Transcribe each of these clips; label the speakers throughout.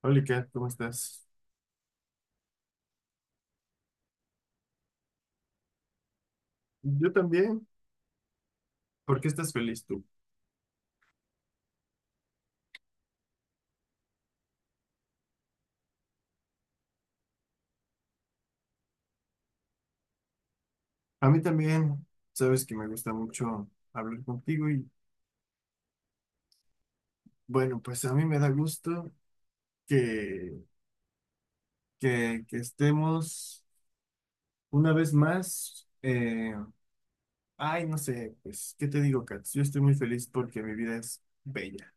Speaker 1: Hola, Kat, ¿cómo estás? Yo también. ¿Por qué estás feliz tú? A mí también, sabes que me gusta mucho hablar contigo y bueno, pues a mí me da gusto que, que estemos una vez más. Ay, no sé, pues, ¿qué te digo, Kat? Yo estoy muy feliz porque mi vida es bella.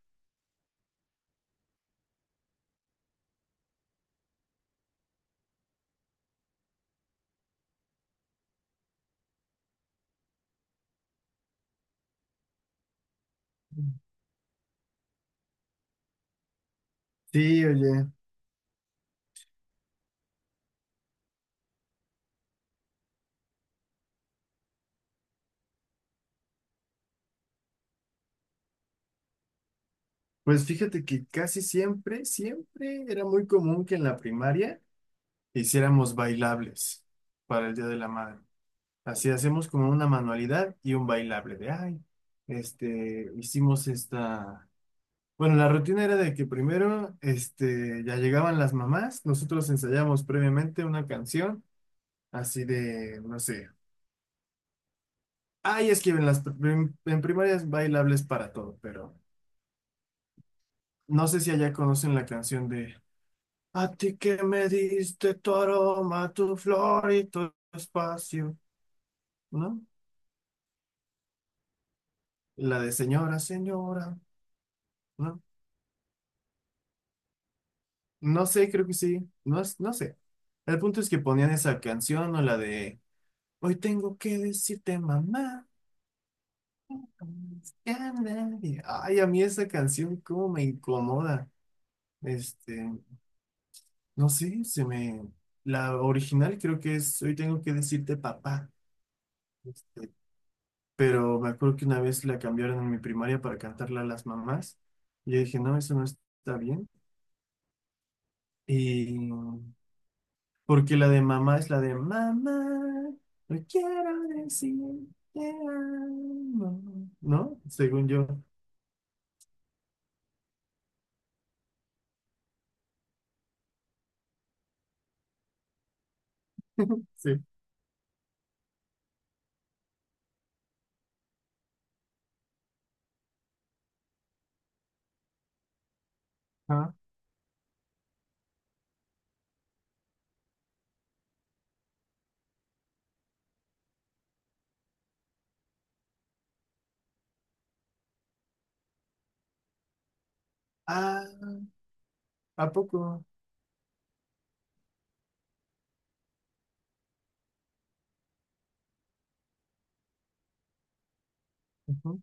Speaker 1: Sí, oye, pues fíjate que casi siempre, siempre era muy común que en la primaria hiciéramos bailables para el Día de la Madre. Así hacemos como una manualidad y un bailable de, ay, hicimos esta... Bueno, la rutina era de que primero, ya llegaban las mamás, nosotros ensayamos previamente una canción, así de, no sé, ay, es que en primarias bailables para todo, pero no sé si allá conocen la canción de, a ti que me diste tu aroma, tu flor y tu espacio, ¿no? La de señora, señora. ¿No? No sé, creo que sí. No, no sé. El punto es que ponían esa canción o la de Hoy tengo que decirte, mamá. Ya nadie". Ay, a mí esa canción, cómo me incomoda. Este, no sé, se me. La original creo que es Hoy tengo que decirte, papá. Este, pero me acuerdo que una vez la cambiaron en mi primaria para cantarla a las mamás. Y yo dije, no, eso no está bien. Y porque la de mamá es la de mamá, no quiero decir te amo", ¿no? Según yo. Sí. Ah, ah, ¿A poco? Ujú.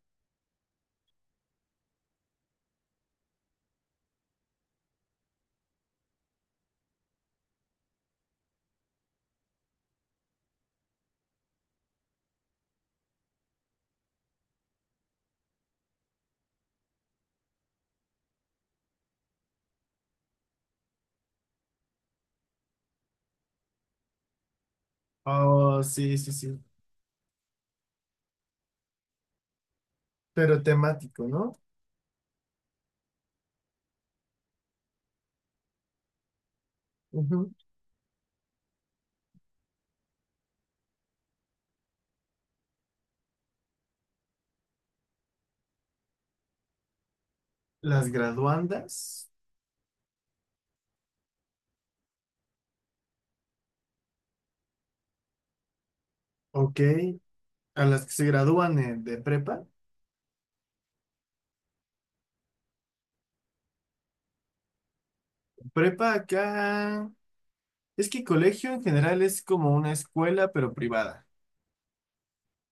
Speaker 1: Oh, sí, sí, sí. Pero temático, ¿no? Ujú. Las graduandas, ok. A las que se gradúan de prepa. Prepa acá. Es que colegio en general es como una escuela, pero privada.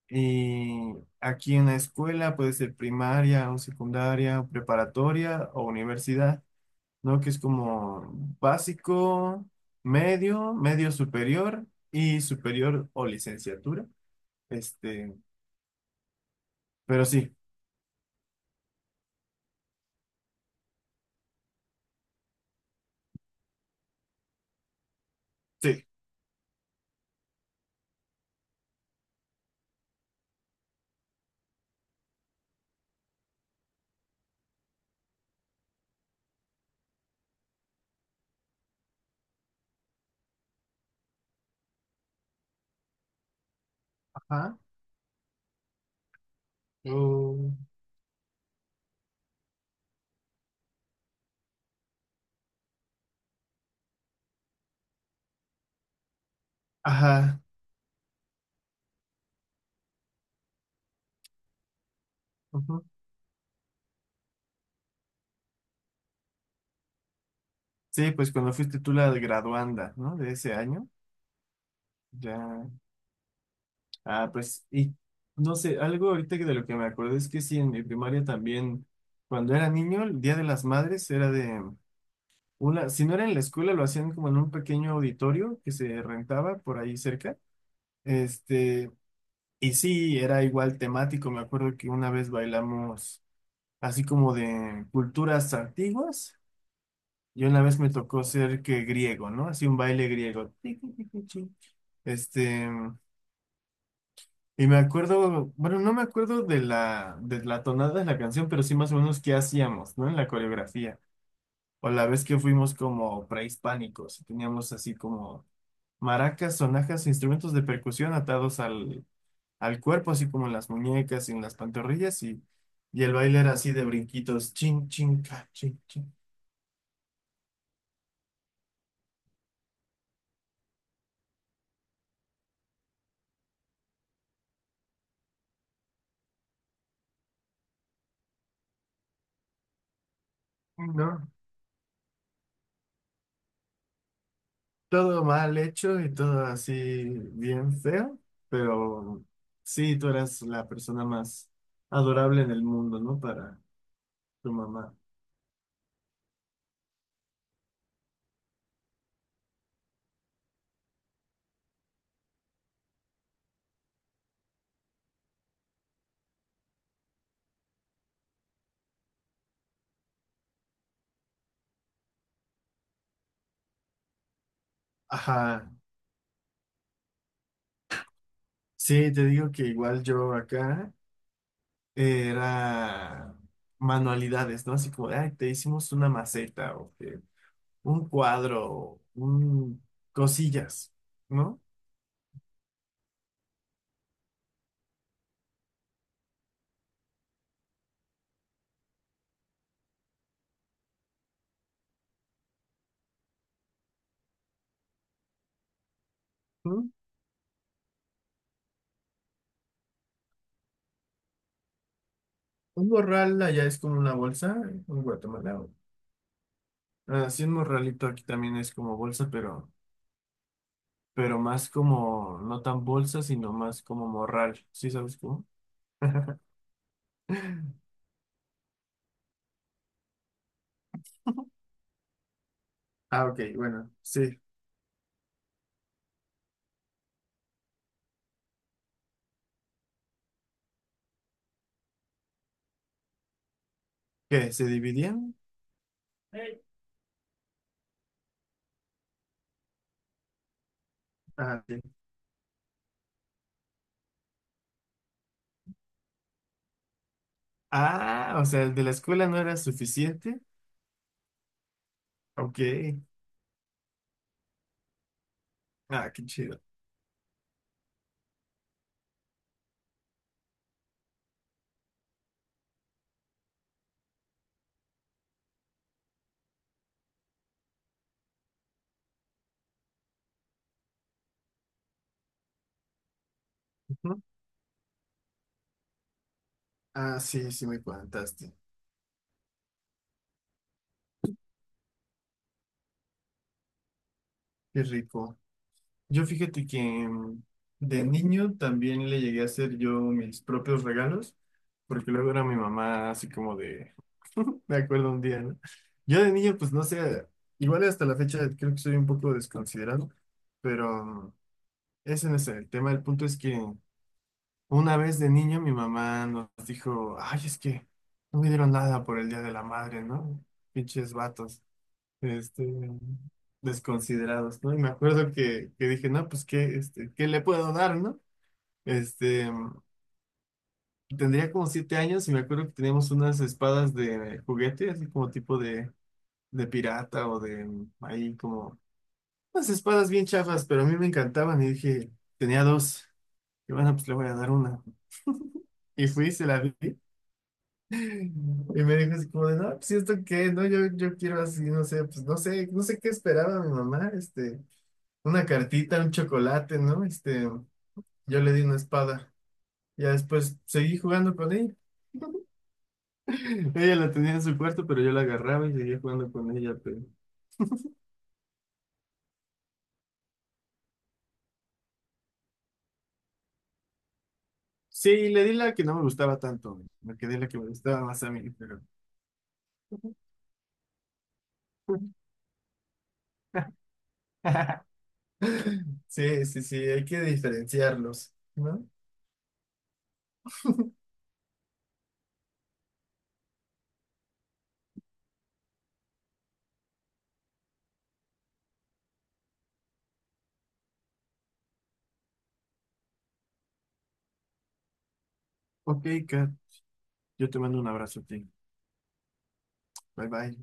Speaker 1: Y aquí en la escuela puede ser primaria o secundaria, o preparatoria o universidad, ¿no? Que es como básico, medio, medio superior y superior o licenciatura. Este, pero sí, sí, ajá. O- ajá. Ujú. Sí, pues cuando fuiste tú la graduanda, ¿no? De ese año, ya. Ah, pues, y no sé, algo ahorita que de lo que me acuerdo es que sí, en mi primaria también, cuando era niño, el Día de las Madres era de una, si no era en la escuela, lo hacían como en un pequeño auditorio que se rentaba por ahí cerca. Este, y sí, era igual temático. Me acuerdo que una vez bailamos así como de culturas antiguas, y una vez me tocó ser que griego, ¿no? Así un baile griego. Este. Y me acuerdo, bueno, no me acuerdo de la tonada de la canción, pero sí más o menos qué hacíamos, ¿no? En la coreografía. O la vez que fuimos como prehispánicos, y teníamos así como maracas, sonajas, instrumentos de percusión atados al, al cuerpo, así como en las muñecas y en las pantorrillas, y el baile era así de brinquitos, chin, chin, ca, chin, chin. ¿No? Todo mal hecho y todo así bien feo, pero sí, tú eras la persona más adorable en el mundo, ¿no? Para tu mamá. Ajá, sí, te digo que igual yo acá era manualidades, ¿no? Así como, de, ay, te hicimos una maceta o que un cuadro, o un cosillas, ¿no? ¿Mm? Un morral allá es como una bolsa, en Guatemala. O- así un morralito aquí también es como bolsa, pero más como, no tan bolsa, sino más como morral. ¿Sí sabes cómo? Ah, ok, bueno, sí. ¿Qué? ¿Se dividían? Ah, sí. Ah, o sea, el de la escuela no era suficiente. Ok. Ah, qué chido. Ujú. Ah, sí, sí me contaste. Qué rico. Yo fíjate que de niño también le llegué a hacer yo mis propios regalos, porque luego era mi mamá así como de, me acuerdo un día, ¿no? Yo de niño, pues no sé, igual hasta la fecha creo que soy un poco desconsiderado, pero ese no es el tema. El punto es que una vez de niño mi mamá nos dijo, ay, es que no me dieron nada por el Día de la Madre, ¿no? Pinches vatos este, desconsiderados, ¿no? Y me acuerdo que dije, no, pues, ¿qué, este, qué le puedo dar, no? Este, tendría como siete años y me acuerdo que teníamos unas espadas de juguete, así como tipo de pirata o de ahí como, unas espadas bien chafas, pero a mí me encantaban y dije, tenía dos. Y bueno, pues le voy a dar una. Y fui, se la di. Y me dijo así como de, no, pues ¿y esto qué, no, yo quiero así, no sé, pues no sé, no sé qué esperaba mi mamá, este. Una cartita, un chocolate, ¿no? Este, yo le di una espada. Ya después seguí jugando con ella. Ella la tenía en su cuarto, pero yo la agarraba y seguía jugando con ella, pero... Sí, le di la que no me gustaba tanto, me quedé la que me gustaba más a mí, pero... Sí, sí, sí, hay que diferenciarlos, ¿no? Ok, Kat, yo te mando un abrazo a ti. Bye, bye.